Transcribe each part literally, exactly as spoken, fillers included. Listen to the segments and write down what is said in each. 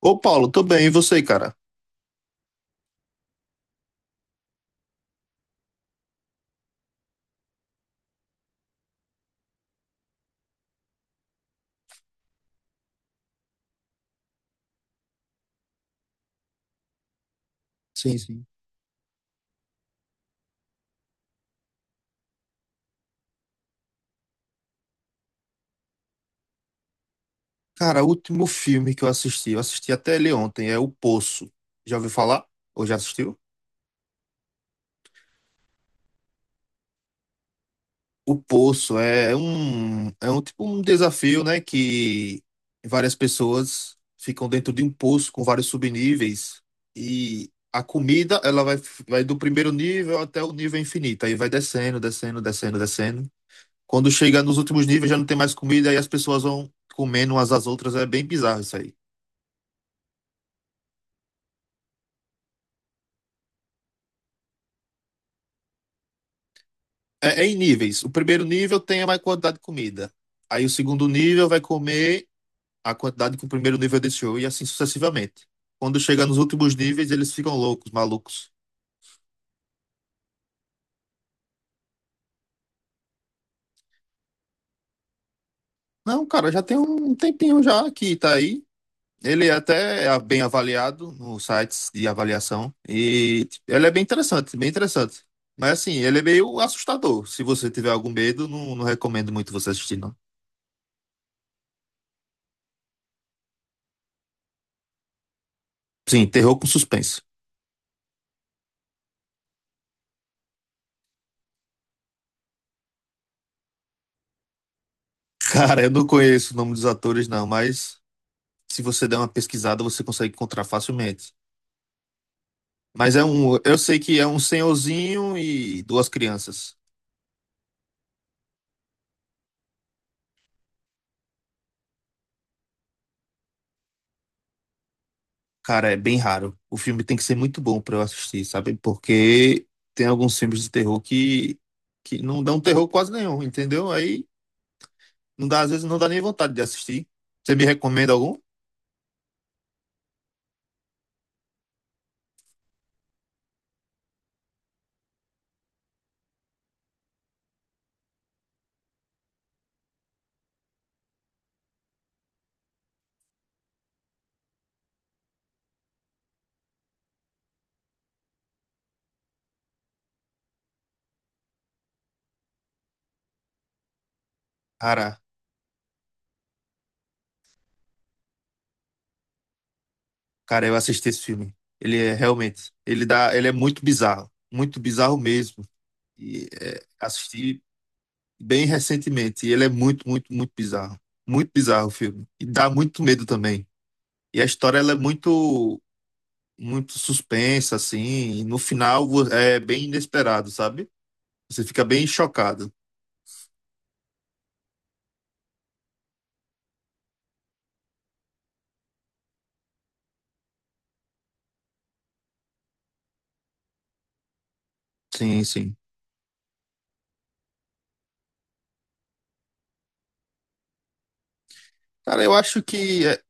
Ô, Paulo, tô bem, e você, cara? Sim, sim. Cara, o último filme que eu assisti, eu assisti até ele ontem, é O Poço. Já ouviu falar? Ou já assistiu? O Poço é um, é um tipo um desafio, né? Que várias pessoas ficam dentro de um poço com vários subníveis e a comida, ela vai, vai do primeiro nível até o nível infinito. Aí vai descendo, descendo, descendo, descendo. Quando chega nos últimos níveis já não tem mais comida e as pessoas vão comendo umas às outras. É bem bizarro isso aí. É, é em níveis. O primeiro nível tem a maior quantidade de comida. Aí o segundo nível vai comer a quantidade que o primeiro nível deixou e assim sucessivamente. Quando chega nos últimos níveis, eles ficam loucos, malucos. Não, cara, já tem um tempinho já que tá aí. Ele é até é bem avaliado nos sites de avaliação e ele é bem interessante, bem interessante. Mas assim, ele é meio assustador. Se você tiver algum medo, não, não recomendo muito você assistir, não. Sim, terror com suspense. Cara, eu não conheço o nome dos atores, não, mas se você der uma pesquisada, você consegue encontrar facilmente. Mas é um, eu sei que é um senhorzinho e duas crianças. Cara, é bem raro. O filme tem que ser muito bom pra eu assistir, sabe? Porque tem alguns filmes de terror que, que não dão terror quase nenhum, entendeu? Aí não dá, às vezes não dá nem vontade de assistir. Você me recomenda algum? Cara, cara, eu assisti esse filme. Ele é realmente, ele dá, ele é muito bizarro, muito bizarro mesmo. E é, assistir bem recentemente. E ele é muito, muito, muito bizarro. Muito bizarro o filme. E dá muito medo também. E a história ela é muito, muito suspensa, assim. E no final vo- é bem inesperado, sabe? Você fica bem chocado. Sim, sim. Cara, eu acho que é,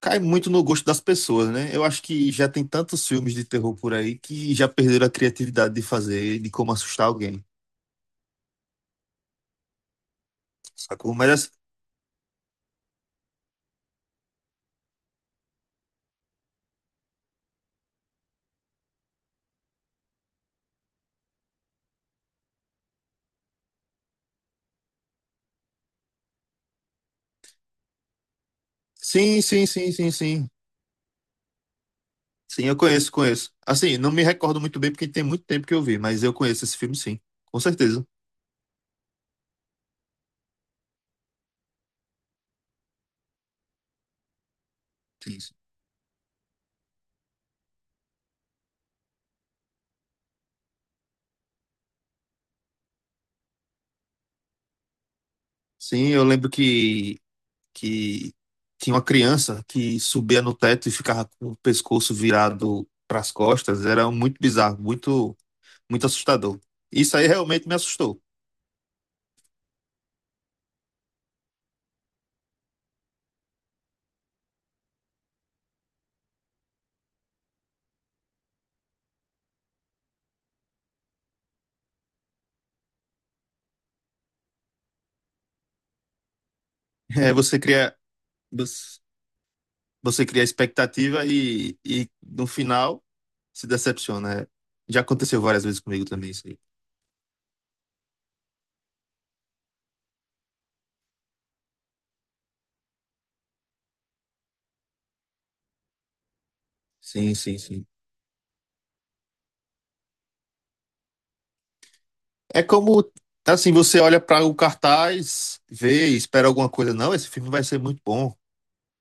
cai muito no gosto das pessoas, né? Eu acho que já tem tantos filmes de terror por aí que já perderam a criatividade de fazer, de como assustar alguém. Sacou? Mas assim, sim, sim, sim, sim, sim. Sim, eu conheço, conheço. Assim, não me recordo muito bem porque tem muito tempo que eu vi, mas eu conheço esse filme, sim. Com certeza. Sim, sim. Sim, eu lembro que, que tinha uma criança que subia no teto e ficava com o pescoço virado para as costas. Era muito bizarro, muito, muito assustador. Isso aí realmente me assustou. É, você cria, você você cria expectativa e, e no final se decepciona. É, já aconteceu várias vezes comigo também, isso aí. Sim, sim, sim. É como, assim, você olha para o cartaz, vê, e espera alguma coisa. Não, esse filme vai ser muito bom.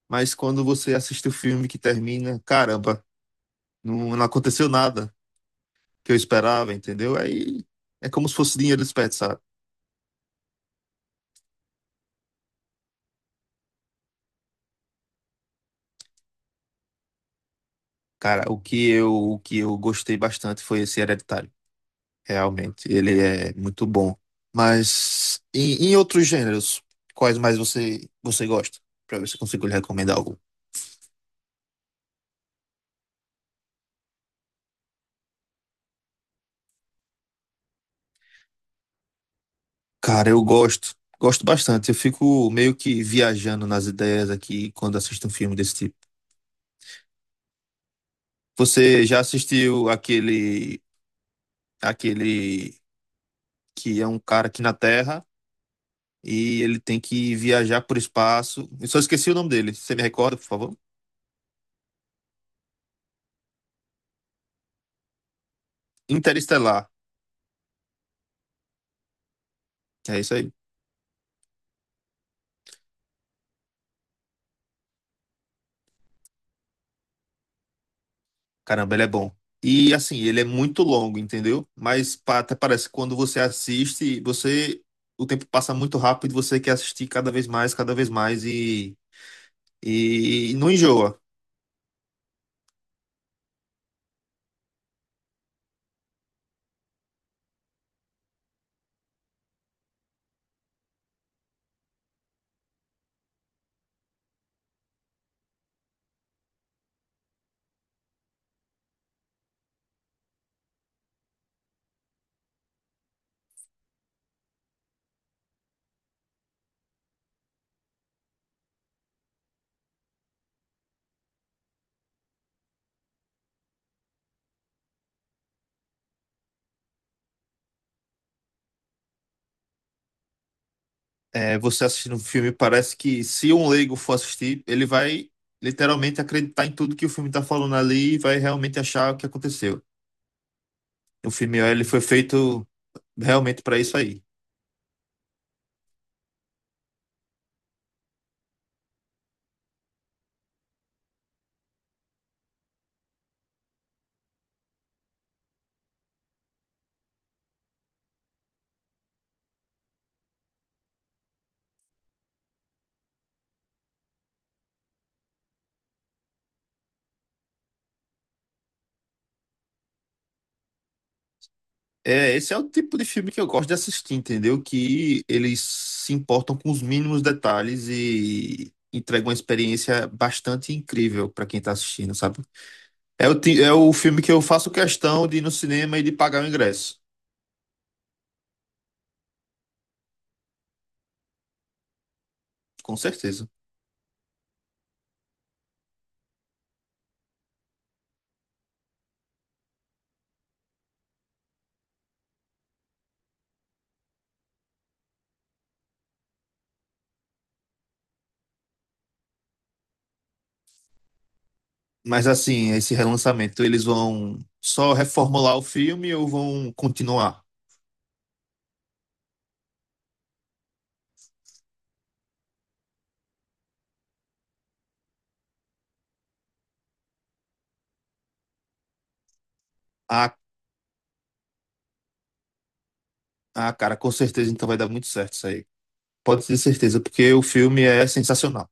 Mas quando você assiste o filme que termina, caramba, não, não aconteceu nada que eu esperava, entendeu? Aí é como se fosse dinheiro desperdiçado. Cara, o que eu, o que eu gostei bastante foi esse Hereditário. Realmente, ele é muito bom. Mas em, em outros gêneros, quais mais você, você gosta? Pra ver se eu consigo lhe recomendar algum. Cara, eu gosto, gosto bastante. Eu fico meio que viajando nas ideias aqui quando assisto um filme desse tipo. Você já assistiu aquele, aquele que é um cara aqui na Terra e ele tem que viajar por espaço? Eu só esqueci o nome dele. Você me recorda, por favor? Interestelar. É isso aí. Caramba, ele é bom. E assim, ele é muito longo, entendeu? Mas pa- até parece que quando você assiste, você o tempo passa muito rápido, e você quer assistir cada vez mais, cada vez mais. E não enjoa. É, você assistindo o filme, parece que se um leigo for assistir, ele vai literalmente acreditar em tudo que o filme está falando ali e vai realmente achar o que aconteceu. O filme ele foi feito realmente para isso aí. É, esse é o tipo de filme que eu gosto de assistir, entendeu? Que eles se importam com os mínimos detalhes e entregam uma experiência bastante incrível para quem tá assistindo, sabe? É o, ti- é o filme que eu faço questão de ir no cinema e de pagar o ingresso, com certeza. Mas assim, esse relançamento, eles vão só reformular o filme ou vão continuar? Ah, ah, cara, com certeza então vai dar muito certo isso aí. Pode ter certeza, porque o filme é sensacional.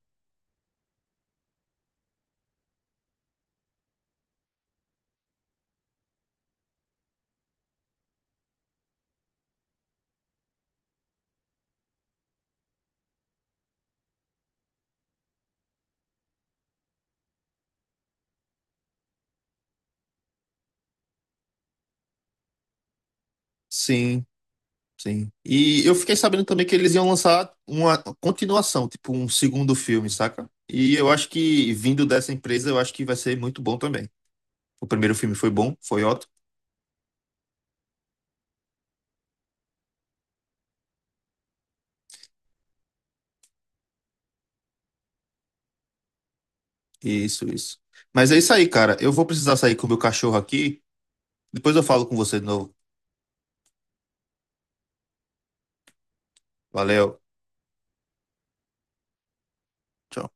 Sim, sim. E eu fiquei sabendo também que eles iam lançar uma continuação, tipo um segundo filme, saca? E eu acho que vindo dessa empresa, eu acho que vai ser muito bom também. O primeiro filme foi bom, foi ótimo. Isso, isso. Mas é isso aí, cara. Eu vou precisar sair com o meu cachorro aqui. Depois eu falo com você de novo. Valeu. Tchau.